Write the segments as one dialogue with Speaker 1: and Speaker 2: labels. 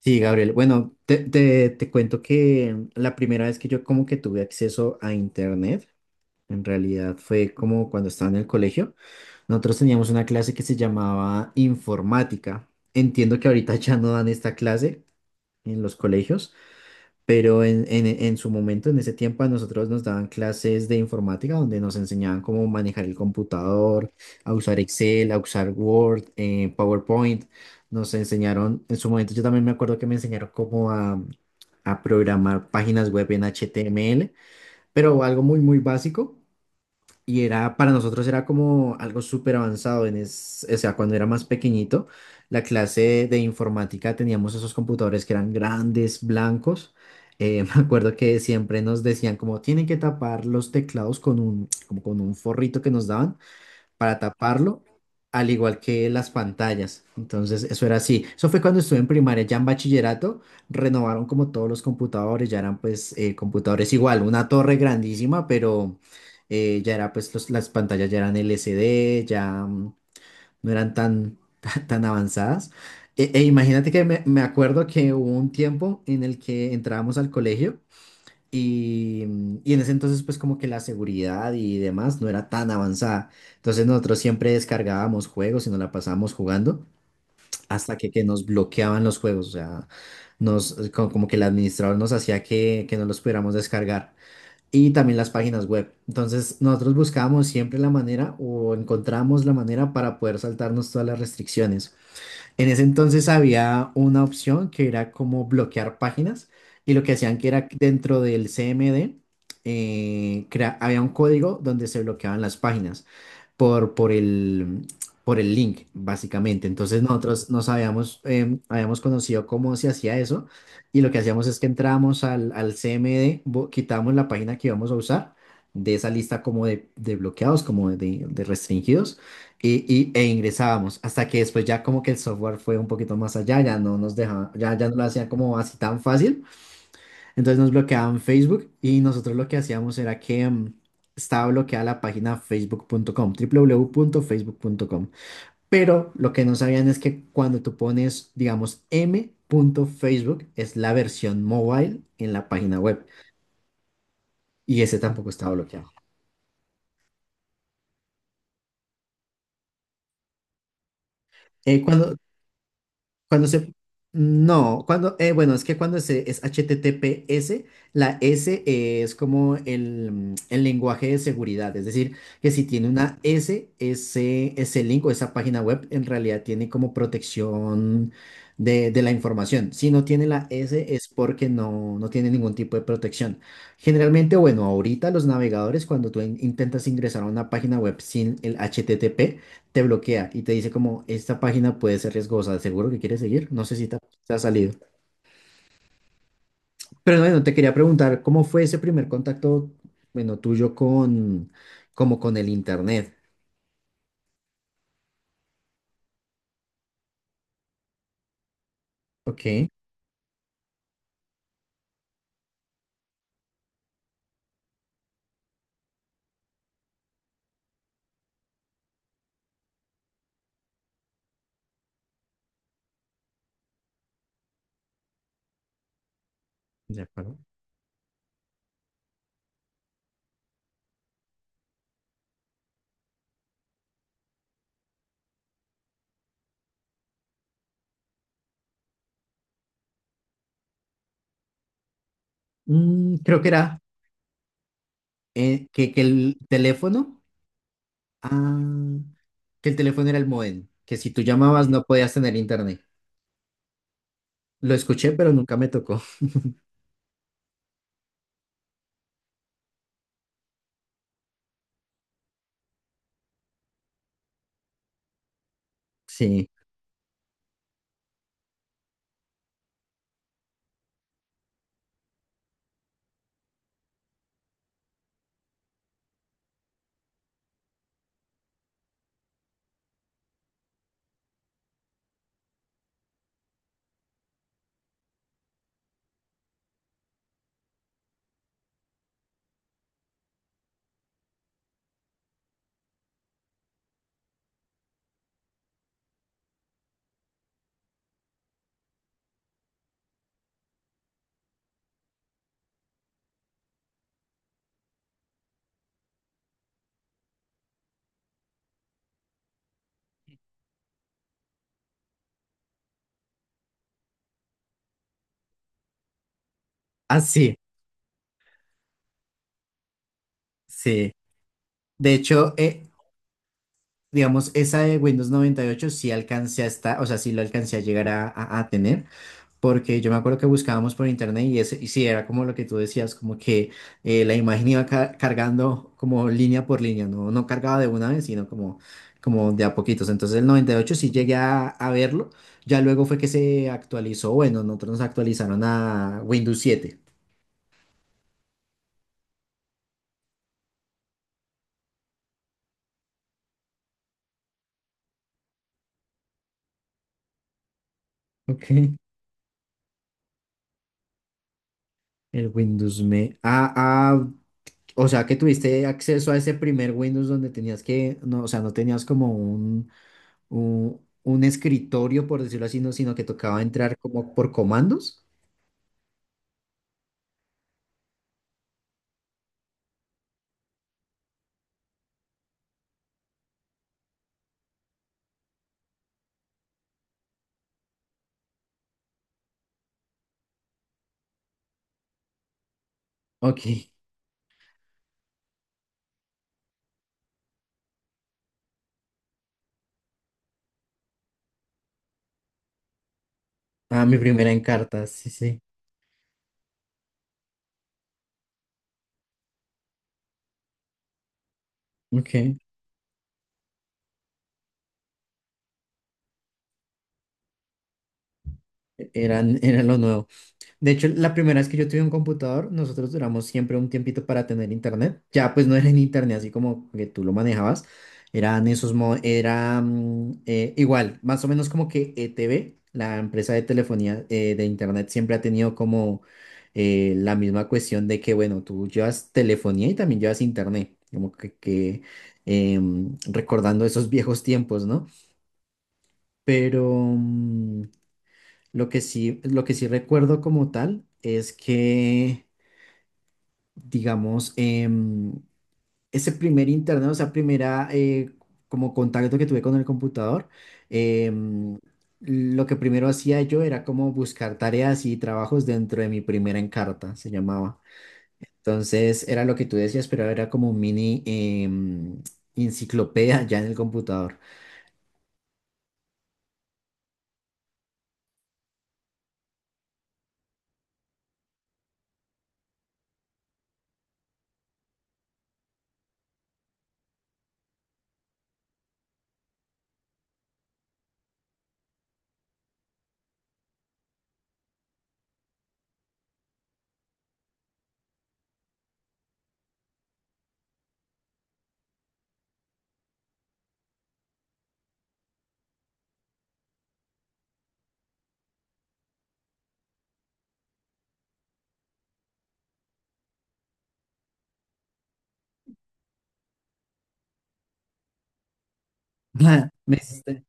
Speaker 1: Sí, Gabriel. Bueno, te cuento que la primera vez que yo como que tuve acceso a internet, en realidad fue como cuando estaba en el colegio. Nosotros teníamos una clase que se llamaba informática. Entiendo que ahorita ya no dan esta clase en los colegios, pero en su momento, en ese tiempo, a nosotros nos daban clases de informática donde nos enseñaban cómo manejar el computador, a usar Excel, a usar Word, PowerPoint. Nos enseñaron, en su momento yo también me acuerdo que me enseñaron cómo a programar páginas web en HTML, pero algo muy, muy básico. Para nosotros era como algo súper avanzado, o sea, cuando era más pequeñito, la clase de informática teníamos esos computadores que eran grandes, blancos. Me acuerdo que siempre nos decían como tienen que tapar los teclados como con un forrito que nos daban para taparlo, al igual que las pantallas. Entonces, eso era así. Eso fue cuando estuve en primaria, ya en bachillerato, renovaron como todos los computadores, ya eran pues computadores igual, una torre grandísima, pero ya era pues las pantallas ya eran LCD, ya no eran tan, tan avanzadas. E imagínate que me acuerdo que hubo un tiempo en el que entrábamos al colegio. Y, y en ese entonces, pues como que la seguridad y demás no era tan avanzada. Entonces nosotros siempre descargábamos juegos y nos la pasábamos jugando hasta que nos bloqueaban los juegos. O sea, como que el administrador nos hacía que no los pudiéramos descargar. Y también las páginas web. Entonces nosotros buscábamos siempre la manera o encontrábamos la manera para poder saltarnos todas las restricciones. En ese entonces había una opción que era como bloquear páginas y lo que hacían que era que dentro del CMD había un código donde se bloqueaban las páginas por, por el, por el link, básicamente. Entonces nosotros nos habíamos, habíamos conocido cómo se hacía eso y lo que hacíamos es que entrábamos al CMD, quitábamos la página que íbamos a usar de esa lista como de bloqueados, como de restringidos e ingresábamos hasta que después ya como que el software fue un poquito más allá, ya no nos dejaba, ya no lo hacía como así tan fácil. Entonces nos bloqueaban Facebook y nosotros lo que hacíamos era que estaba bloqueada la página facebook.com, www.facebook.com. Pero lo que no sabían es que cuando tú pones, digamos, m.facebook es la versión mobile en la página web y ese tampoco estaba bloqueado. Eh, cuando Cuando se... No, bueno, es que es HTTPS. La S es como el lenguaje de seguridad. Es decir, que si tiene una S, ese link o esa página web en realidad tiene como protección de la información. Si no tiene la S es porque no, no tiene ningún tipo de protección. Generalmente, bueno, ahorita los navegadores, cuando tú intentas ingresar a una página web sin el HTTP, te bloquea y te dice como, esta página puede ser riesgosa. ¿Seguro que quieres seguir? No sé si te ha salido. Pero bueno, te quería preguntar, ¿cómo fue ese primer contacto, bueno, tuyo con, como con el internet? Ok, de acuerdo. Creo que era que el teléfono, ah, que el teléfono era el modem, que si tú llamabas no podías tener internet. Lo escuché, pero nunca me tocó. Sí. Ah, sí, sí. De hecho, digamos, esa de Windows 98 sí alcancé a estar, o sea, sí lo alcancé a llegar a tener, porque yo me acuerdo que buscábamos por internet y, ese, y sí, era como lo que tú decías, como que la imagen iba cargando como línea por línea, no, no cargaba de una vez, sino como, como de a poquitos. Entonces el 98 sí llegué a verlo, ya luego fue que se actualizó, bueno, nosotros nos actualizaron a Windows 7. Ok. El Windows Me. O sea que tuviste acceso a ese primer Windows donde tenías que, no, o sea, no tenías como un, escritorio, por decirlo así, no, sino que tocaba entrar como por comandos. Ok. Ah, mi primera en cartas, sí, sí. Ok. Era lo nuevo. De hecho, la primera vez que yo tuve un computador, nosotros duramos siempre un tiempito para tener internet. Ya pues no era en internet así como que tú lo manejabas. Eran esos, era igual, más o menos como que ETV, la empresa de telefonía de internet, siempre ha tenido como la misma cuestión de que, bueno, tú llevas telefonía y también llevas internet. Como que recordando esos viejos tiempos, ¿no? Pero, mm, lo que sí recuerdo como tal es que, digamos, ese primer internet, o sea, primera como contacto que tuve con el computador, em, lo que primero hacía yo era como buscar tareas y trabajos dentro de mi primera Encarta, se llamaba. Entonces era lo que tú decías, pero era como un mini, em, enciclopedia ya en el computador. Me hiciste,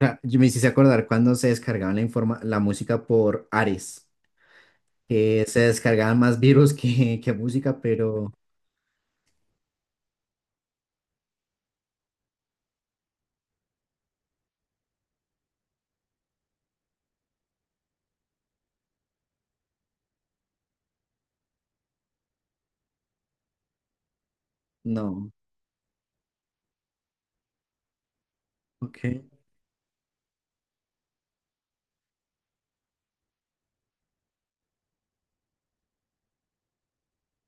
Speaker 1: ah, me hiciste acordar cuando se descargaba la la música por Ares, que se descargaban más virus que música, pero no. Ok.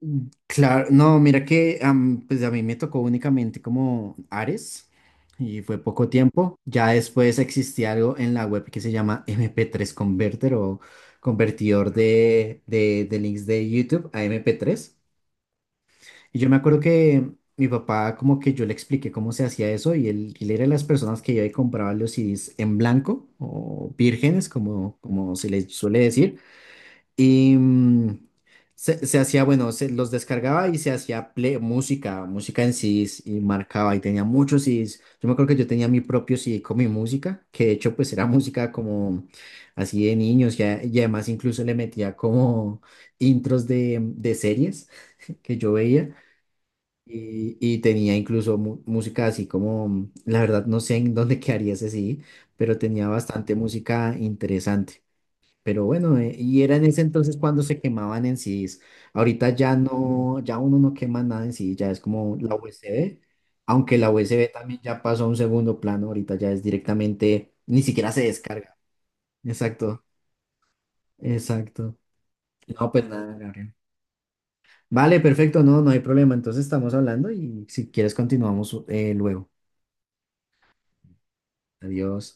Speaker 1: Mm, claro, no, mira que pues a mí me tocó únicamente como Ares y fue poco tiempo. Ya después existía algo en la web que se llama MP3 Converter o convertidor de, de links de YouTube a MP3. Y yo me acuerdo que mi papá, como que yo le expliqué cómo se hacía eso, y él era de las personas que iba y compraba los CDs en blanco o vírgenes, como, como se les suele decir. Y se hacía, bueno, se los descargaba y se hacía música en CDs y marcaba y tenía muchos CDs. Yo me acuerdo que yo tenía mi propio CD con mi música, que de hecho, pues era música como así de niños, y además incluso le metía como intros de series que yo veía. Y tenía incluso música así como, la verdad no sé en dónde quedaría ese sí, pero tenía bastante música interesante. Pero bueno, y era en ese entonces cuando se quemaban en CDs. Ahorita ya no, ya uno no quema nada en CD, ya es como la USB, aunque la USB también ya pasó a un segundo plano, ahorita ya es directamente, ni siquiera se descarga. Exacto, exacto. No, pues nada, Gabriel. Vale, perfecto, no, no hay problema. Entonces estamos hablando y si quieres continuamos luego. Adiós.